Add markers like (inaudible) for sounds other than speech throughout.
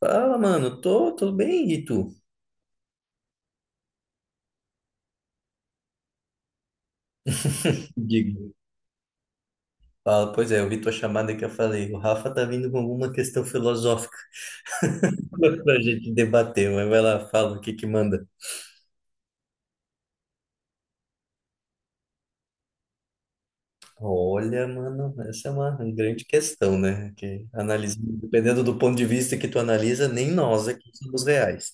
Fala, mano. Tô bem, e tu? Digo, Fala, pois é, eu vi tua chamada que eu falei. O Rafa tá vindo com alguma questão filosófica (laughs) pra gente debater, mas vai lá, fala o que que manda. Olha, mano, essa é uma grande questão, né? Que analisa, dependendo do ponto de vista que tu analisa, nem nós aqui somos reais.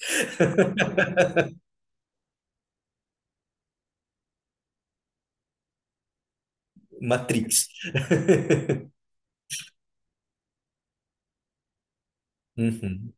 Matrix. (laughs) Uhum.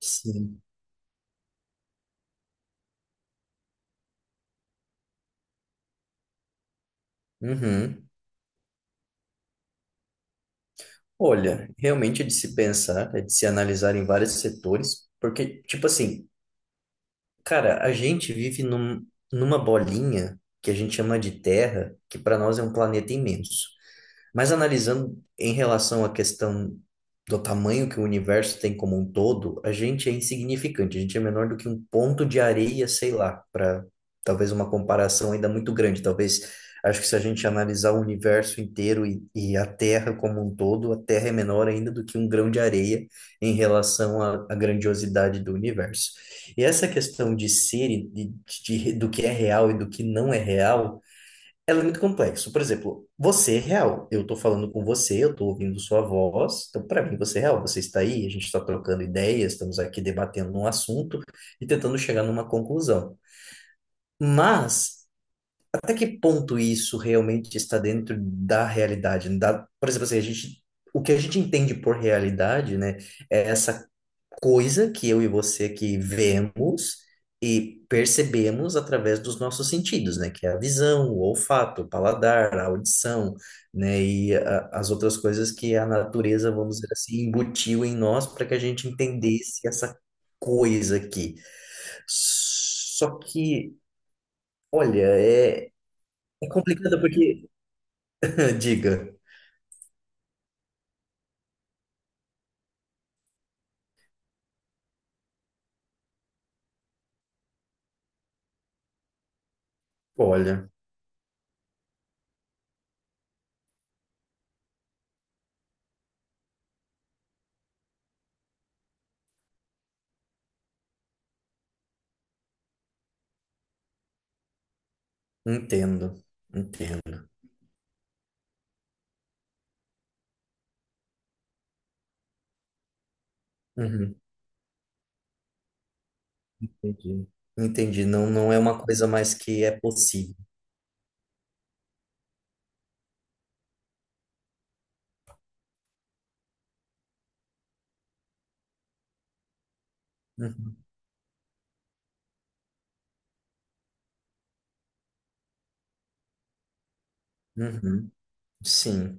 Sim. Uhum. Olha, realmente é de se pensar, é de se analisar em vários setores, porque, tipo assim. Cara, a gente vive num, numa bolinha que a gente chama de Terra, que para nós é um planeta imenso. Mas analisando em relação à questão do tamanho que o universo tem como um todo, a gente é insignificante, a gente é menor do que um ponto de areia, sei lá, para talvez uma comparação ainda muito grande. Talvez, acho que se a gente analisar o universo inteiro e a Terra como um todo, a Terra é menor ainda do que um grão de areia em relação à, à grandiosidade do universo. E essa questão de ser e de, do que é real e do que não é real. Ela é muito complexo. Por exemplo, você é real. Eu tô falando com você, eu tô ouvindo sua voz. Então, para mim, você é real. Você está aí, a gente está trocando ideias, estamos aqui debatendo um assunto e tentando chegar numa conclusão. Mas até que ponto isso realmente está dentro da realidade? Da, por exemplo, assim, a gente, o que a gente entende por realidade, né, é essa coisa que eu e você que vemos e percebemos através dos nossos sentidos, né, que é a visão, o olfato, o paladar, a audição, né, e as outras coisas que a natureza, vamos dizer assim, embutiu em nós para que a gente entendesse essa coisa aqui. Só que, olha, é complicado porque. (laughs) Diga. Olha, entendo, entendo. Uhum, entendi. Entendi. Não, não é uma coisa mais que é possível. Uhum, uhum, sim.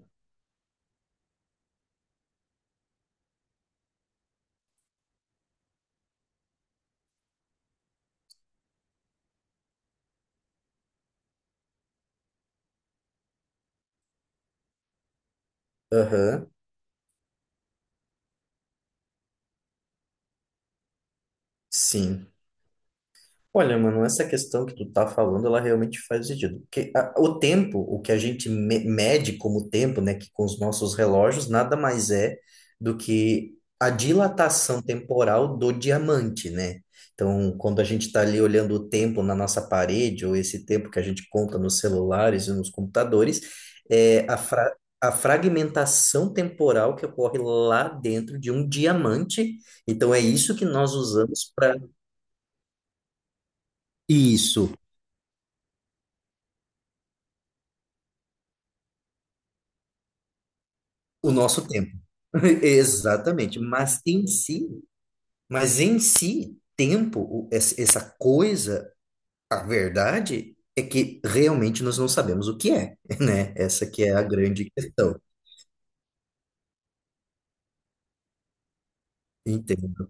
Aham, sim. Olha, mano, essa questão que tu tá falando, ela realmente faz sentido. Porque o tempo, o que a gente mede como tempo, né, que com os nossos relógios, nada mais é do que a dilatação temporal do diamante, né? Então, quando a gente está ali olhando o tempo na nossa parede, ou esse tempo que a gente conta nos celulares e nos computadores, é a fragmentação temporal que ocorre lá dentro de um diamante. Então, é isso que nós usamos para isso. O nosso tempo. (laughs) Exatamente. Mas em si, tempo, essa coisa, a verdade é que realmente nós não sabemos o que é, (laughs) né? Essa que é a grande questão. Entendo.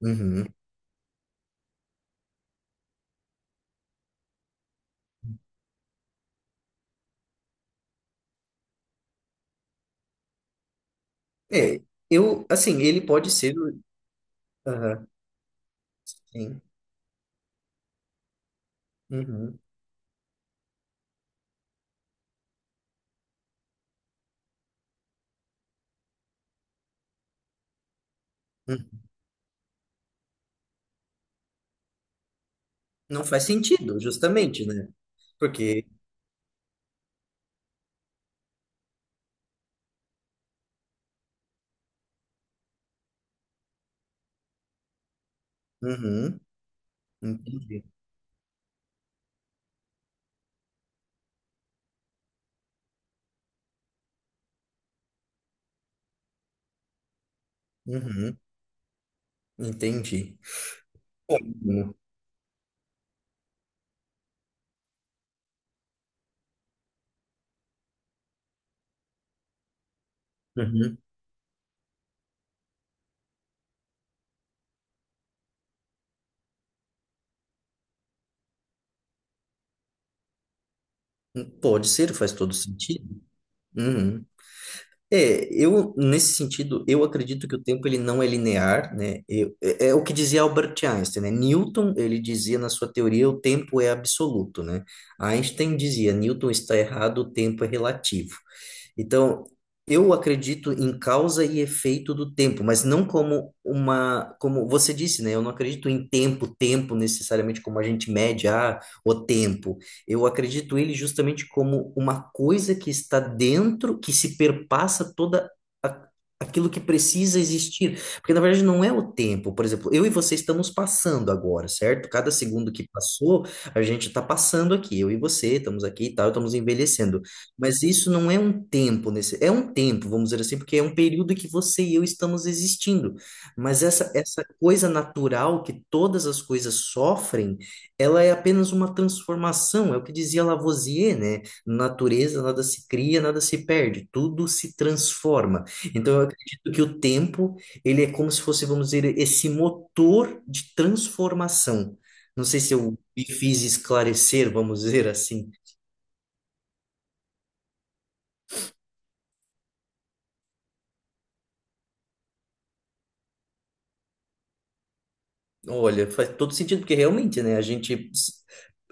Uhum. É, eu, assim, ele pode ser. Aham, sim. Uhum. Uhum. Não faz sentido, justamente, né? Porque. Uhum. Entendi. Uhum. Entendi. Uhum. Uhum. Pode ser, faz todo sentido. Uhum. É, eu, nesse sentido, eu acredito que o tempo ele não é linear, né? É, é o que dizia Albert Einstein, né? Newton, ele dizia na sua teoria, o tempo é absoluto, né? Einstein dizia, Newton está errado, o tempo é relativo. Então, eu acredito em causa e efeito do tempo, mas não como uma, como você disse, né? Eu não acredito em tempo, tempo necessariamente como a gente mede, ah, o tempo. Eu acredito ele justamente como uma coisa que está dentro, que se perpassa toda a- aquilo que precisa existir. Porque na verdade não é o tempo. Por exemplo, eu e você estamos passando agora, certo? Cada segundo que passou, a gente está passando aqui. Eu e você estamos aqui e tal, estamos envelhecendo. Mas isso não é um tempo, nesse, é um tempo, vamos dizer assim, porque é um período que você e eu estamos existindo. Mas essa coisa natural que todas as coisas sofrem, ela é apenas uma transformação, é o que dizia Lavoisier, né? Natureza, nada se cria, nada se perde, tudo se transforma. Então, eu acredito que o tempo, ele é como se fosse, vamos dizer, esse motor de transformação. Não sei se eu me fiz esclarecer, vamos dizer assim. Olha, faz todo sentido, porque realmente, né,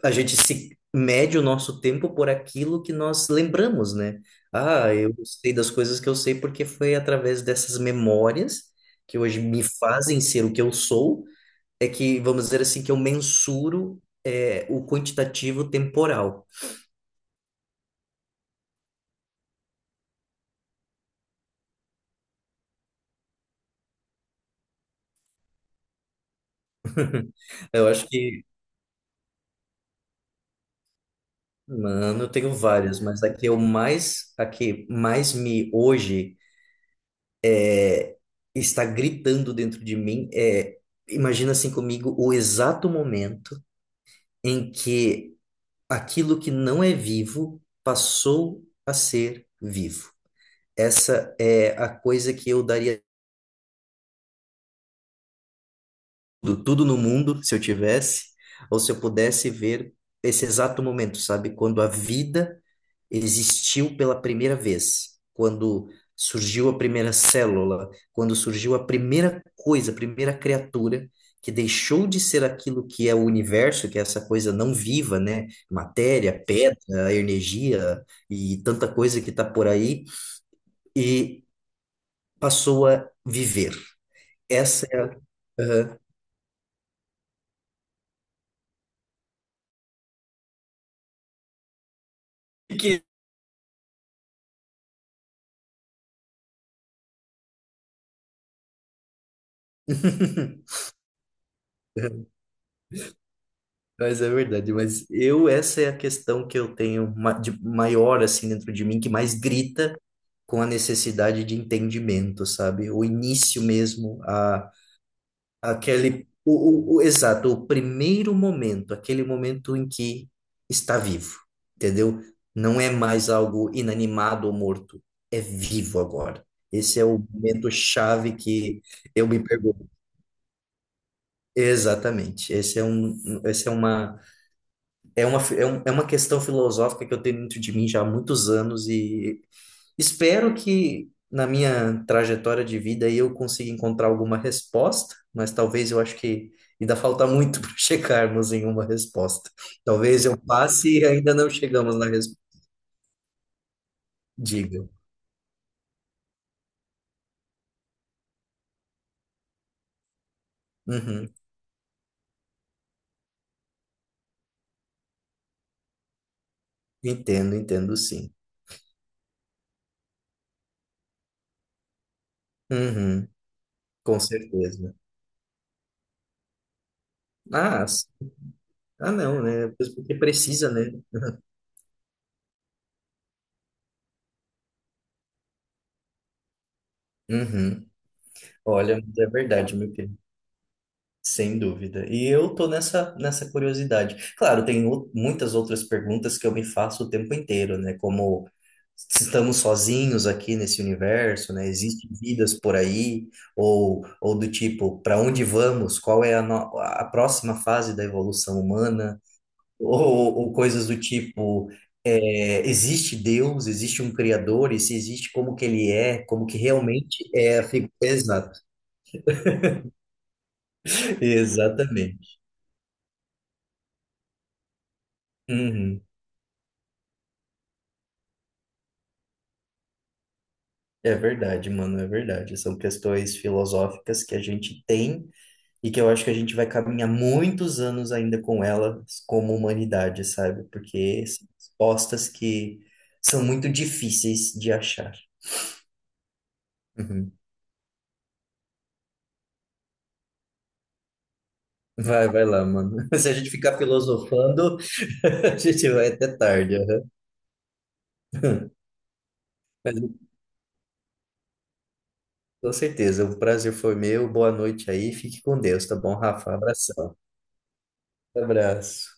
a gente se mede o nosso tempo por aquilo que nós lembramos, né? Ah, eu sei das coisas que eu sei porque foi através dessas memórias que hoje me fazem ser o que eu sou, é que, vamos dizer assim, que eu mensuro é, o quantitativo temporal. (laughs) Eu acho que, mano, eu tenho várias, mas a que eu mais, a que mais me hoje está gritando dentro de mim é, imagina assim comigo o exato momento em que aquilo que não é vivo passou a ser vivo. Essa é a coisa que eu daria tudo, tudo no mundo, se eu tivesse, ou se eu pudesse ver esse exato momento, sabe? Quando a vida existiu pela primeira vez, quando surgiu a primeira célula, quando surgiu a primeira coisa, a primeira criatura que deixou de ser aquilo que é o universo, que é essa coisa não viva, né? Matéria, pedra, energia e tanta coisa que está por aí, e passou a viver. Essa é a... Aham. (laughs) que (laughs) Mas é verdade, mas eu, essa é a questão que eu tenho de maior, assim, dentro de mim, que mais grita com a necessidade de entendimento, sabe? O início mesmo, a, aquele, exato, o primeiro momento, aquele momento em que está vivo, entendeu? Não é mais algo inanimado ou morto, é vivo agora. Esse é o momento chave que eu me pergunto. Exatamente, esse é um, esse é uma É uma, é é uma questão filosófica que eu tenho dentro de mim já há muitos anos e espero que na minha trajetória de vida eu consiga encontrar alguma resposta, mas talvez eu acho que ainda falta muito (laughs) para chegarmos em uma resposta. Talvez eu passe e ainda não chegamos na resposta. Diga. Uhum. Entendo sim. Uhum. Com certeza. Ah, s- ah, não, né? Porque precisa, né? Uhum. Olha, mas é verdade, meu querido. Sem dúvida. E eu tô nessa curiosidade. Claro, tem muitas outras perguntas que eu me faço o tempo inteiro, né? Como se estamos sozinhos aqui nesse universo, né? Existem vidas por aí? Ou do tipo, para onde vamos? Qual é a, a próxima fase da evolução humana? Ou coisas do tipo, é, existe Deus? Existe um Criador? E se existe, como que ele é? Como que realmente é a figura? (laughs) Exato. Exatamente. Uhum. É verdade, mano, é verdade. São questões filosóficas que a gente tem e que eu acho que a gente vai caminhar muitos anos ainda com elas como humanidade, sabe? Porque são respostas que são muito difíceis de achar. Uhum. Vai, vai lá, mano. (laughs) Se a gente ficar filosofando, (laughs) a gente vai até tarde. Uhum. (laughs) Mas com certeza, o prazer foi meu. Boa noite aí. Fique com Deus, tá bom, Rafa? Abração. Abraço.